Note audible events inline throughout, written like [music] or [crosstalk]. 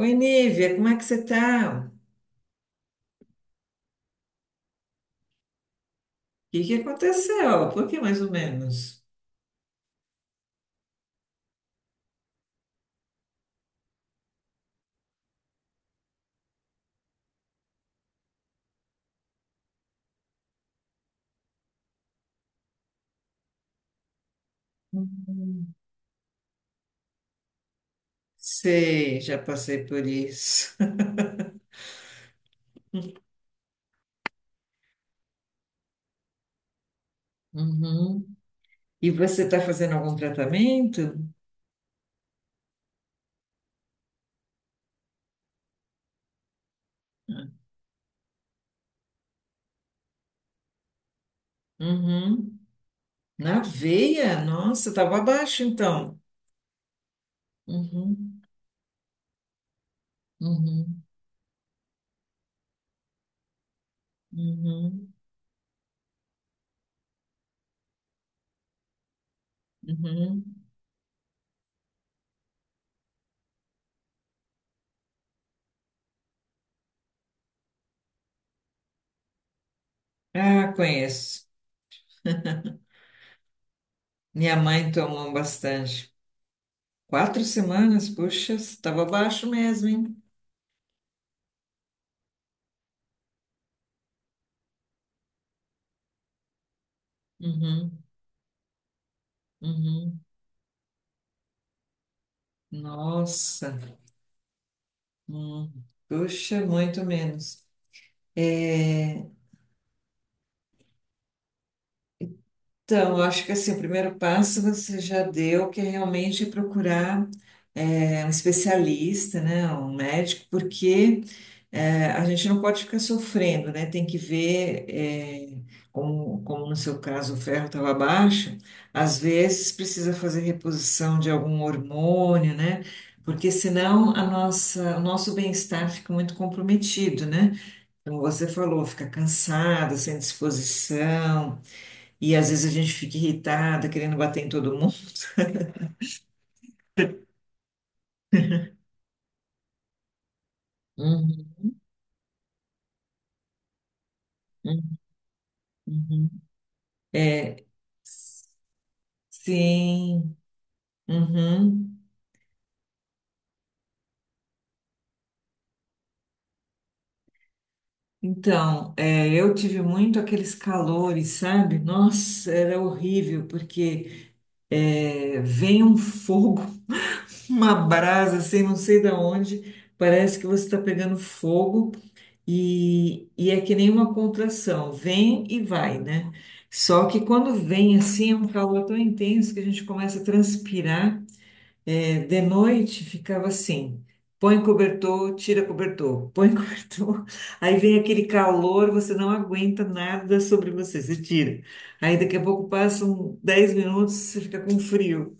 Oi, Nívia, como é que você tá? O que que aconteceu? Por que mais ou menos? Uhum. Sei, já passei por isso. [laughs] Uhum. E você está fazendo algum tratamento? Uhum. Na veia? Nossa, estava abaixo então. Uhum. Uhum. Uhum. Uhum. Ah, conheço. Minha mãe tomou bastante. 4 semanas, puxa, estava abaixo mesmo, hein? Uhum. Uhum. Nossa. Hum, puxa, muito menos. É, Então, eu acho que assim, o primeiro passo você já deu, que é realmente procurar um especialista, né, um médico, porque a gente não pode ficar sofrendo, né? Tem que ver, como no seu caso o ferro estava baixo, às vezes precisa fazer reposição de algum hormônio, né? Porque senão a nossa, o nosso bem-estar fica muito comprometido, né? Como você falou, fica cansada, sem disposição, e às vezes a gente fica irritada, querendo bater em todo mundo. Uhum, uhum. Sim, uhum. Então, eu tive muito aqueles calores, sabe? Nossa, era horrível, porque vem um fogo, [laughs] uma brasa, assim, não sei da onde, parece que você está pegando fogo. E é que nem uma contração, vem e vai, né? Só que quando vem assim, é um calor tão intenso que a gente começa a transpirar. É, de noite ficava assim: põe cobertor, tira cobertor, põe [laughs] cobertor. Aí vem aquele calor, você não aguenta nada sobre você, você tira. Aí daqui a pouco passam 10 minutos, você fica com frio.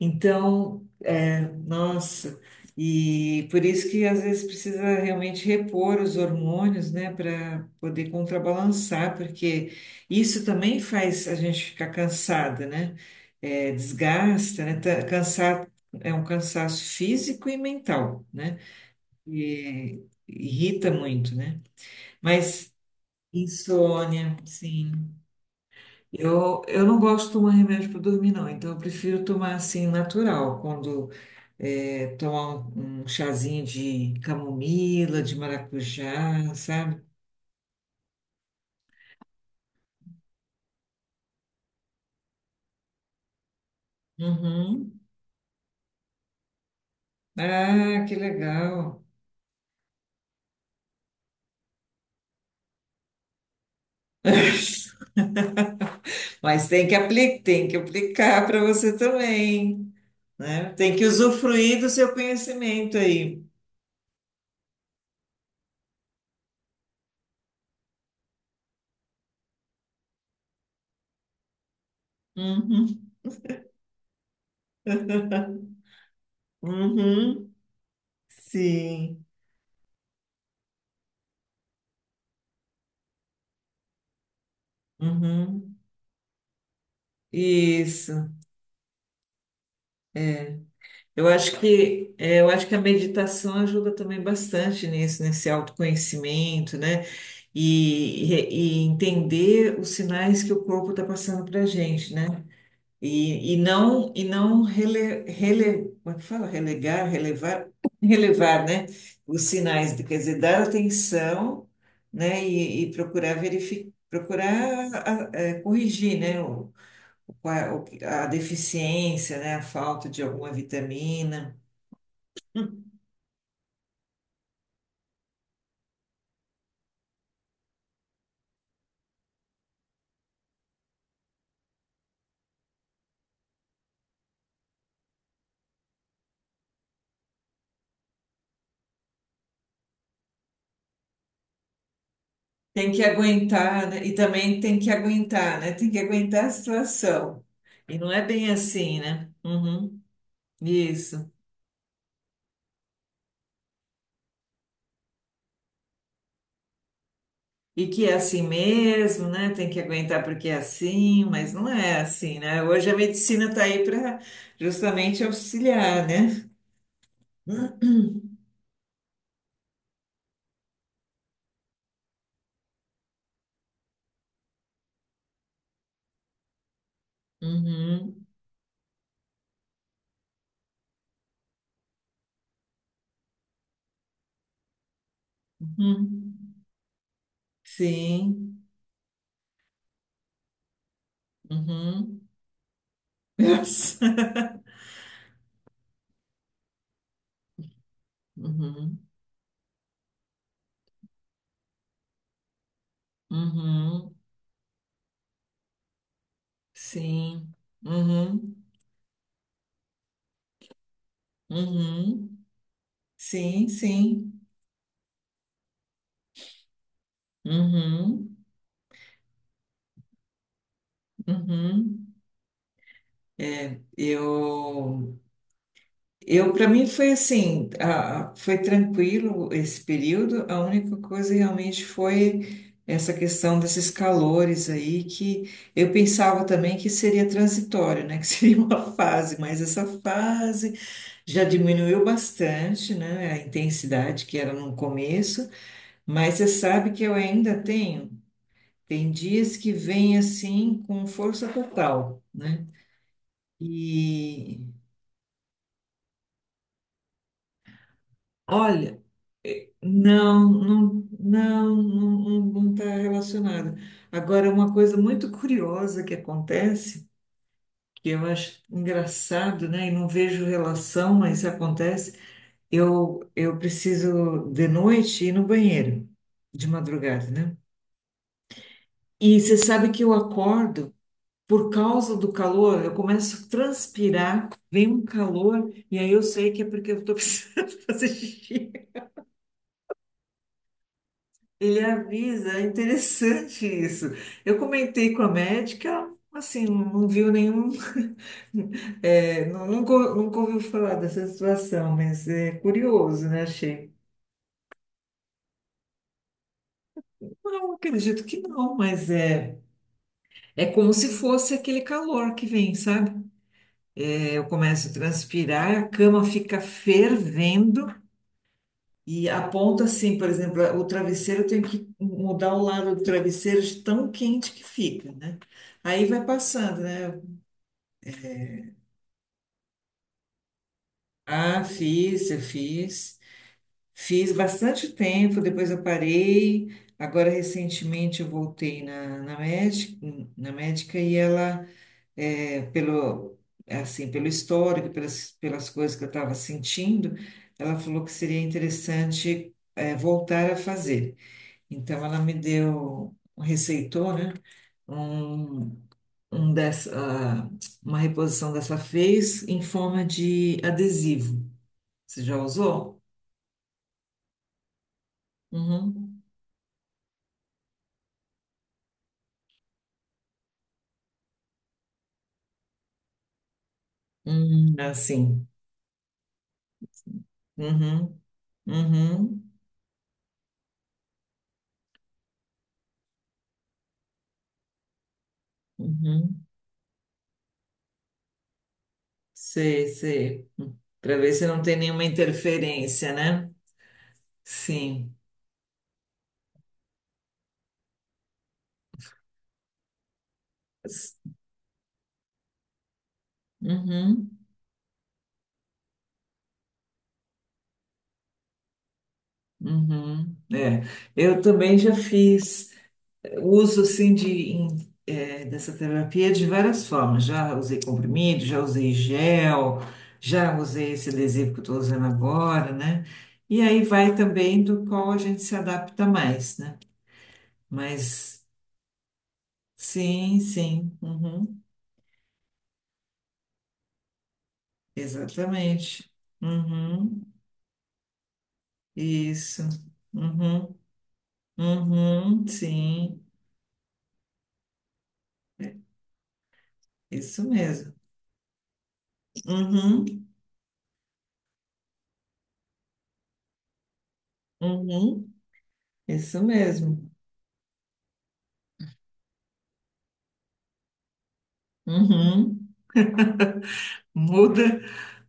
Então, nossa, e por isso que às vezes precisa realmente repor os hormônios, né, para poder contrabalançar, porque isso também faz a gente ficar cansada, né? É, desgasta, né? Cansar é um cansaço físico e mental, né? E irrita muito, né? Mas insônia, sim. Eu não gosto de tomar remédio para dormir, não. Então, eu prefiro tomar assim, natural. Quando tomar um chazinho de camomila, de maracujá, sabe? Uhum. Ah, que legal. [laughs] Mas tem que aplicar para você também, né? Tem que usufruir do seu conhecimento aí. Uhum. [laughs] Uhum. Sim. Uhum. Isso. Eu acho que a meditação ajuda também bastante nisso, nesse autoconhecimento, né? E entender os sinais que o corpo está passando para a gente, né? E não como é que fala? Relegar, relevar, [laughs] relevar, né? Os sinais, quer dizer, dar atenção, né? E procurar verificar, procurar corrigir, né? A deficiência, né? A falta de alguma vitamina. Tem que aguentar, né? E também tem que aguentar, né? Tem que aguentar a situação. E não é bem assim, né? Uhum, isso. E que é assim mesmo, né? Tem que aguentar porque é assim, mas não é assim, né? Hoje a medicina está aí para justamente auxiliar, né? Uhum, uhum, sim. Uhum. [laughs] Uhum, uhum, sim. Uhum, uhum, sim, sim. Uhum. Uhum. É, eu, eu para mim foi assim, foi tranquilo esse período. A única coisa realmente foi essa questão desses calores aí que eu pensava também que seria transitório, né? [laughs] Que seria uma fase, mas essa fase já diminuiu bastante, né? A intensidade que era no começo, mas você sabe que eu ainda tenho. Tem dias que vem assim com força total, né? E Olha, não, não, não, não, não está relacionada. Agora, uma coisa muito curiosa que acontece, que eu acho engraçado, né? E não vejo relação, mas acontece. Eu preciso de noite ir no banheiro, de madrugada, né? E você sabe que eu acordo por causa do calor, eu começo a transpirar, vem um calor, e aí eu sei que é porque eu estou [laughs] precisando fazer xixi. Ele avisa, é interessante isso. Eu comentei com a médica, assim, não viu nenhum, [laughs] não, nunca ouviu falar dessa situação, mas é curioso, né? Achei. Não, acredito que não, mas é, é como se fosse aquele calor que vem, sabe? É, eu começo a transpirar, a cama fica fervendo e aponta assim, por exemplo, o travesseiro, eu tenho que mudar o lado do travesseiro de tão quente que fica, né? Aí vai passando, né? Ah, fiz, eu fiz. Fiz bastante tempo, depois eu parei. Agora, recentemente, eu voltei na médica, e ela, pelo, assim, pelo histórico, pelas, pelas coisas que eu estava sentindo, ela falou que seria interessante, voltar a fazer. Então, ela me deu, receitou, né, um, um dessa, ah, uma reposição dessa fez em forma de adesivo. Você já usou? Uhum. Assim. Uhum. Uhum. Uhum. Sei, sei. Para ver se não tem nenhuma interferência, né? Sim. Uhum. Uhum. É. Eu também já fiz uso assim em- dessa terapia de várias formas. Já usei comprimido, já usei gel, já usei esse adesivo que eu estou usando agora, né? E aí vai também do qual a gente se adapta mais, né? Mas sim, sim. Uhum. Exatamente. Uhum. Isso. Uhum. Uhum. Sim, isso mesmo. Uhum. Uhum. Isso mesmo. Uhum. Muda,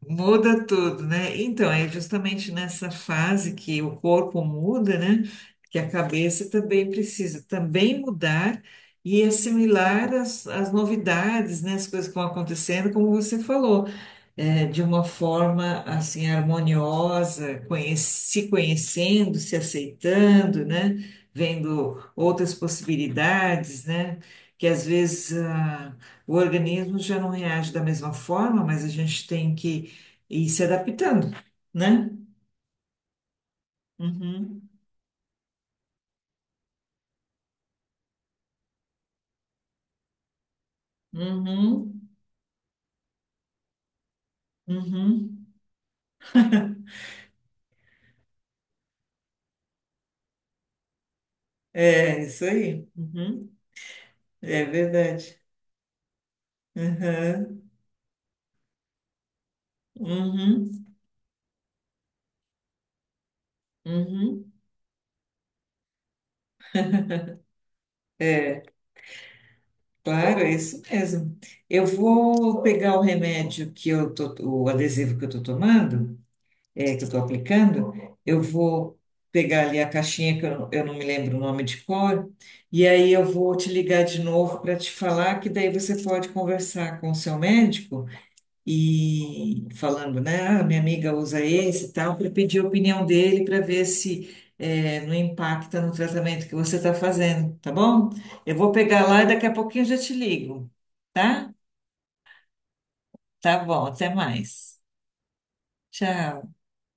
muda tudo, né? Então, é justamente nessa fase que o corpo muda, né? Que a cabeça também precisa também mudar e assimilar as novidades, né? As coisas que vão acontecendo, como você falou. De uma forma assim harmoniosa, se conhecendo, se aceitando, né? Vendo outras possibilidades, né? Que às vezes ah, o organismo já não reage da mesma forma, mas a gente tem que ir se adaptando, né? Uhum, uhum, uhum. [laughs] É isso aí. Uhum. É verdade. Uhum, uhum, uhum. É. Claro, é isso mesmo. Eu vou pegar o remédio que eu tô, o adesivo que eu estou tomando, que eu estou aplicando, eu vou pegar ali a caixinha que eu não me lembro o nome de cor, e aí eu vou te ligar de novo para te falar que daí você pode conversar com o seu médico e falando, né? Ah, minha amiga usa esse e tal, para pedir a opinião dele para ver se não impacta no tratamento que você está fazendo, tá bom? Eu vou pegar lá e daqui a pouquinho eu já te ligo, tá? Tá bom, até mais. Tchau.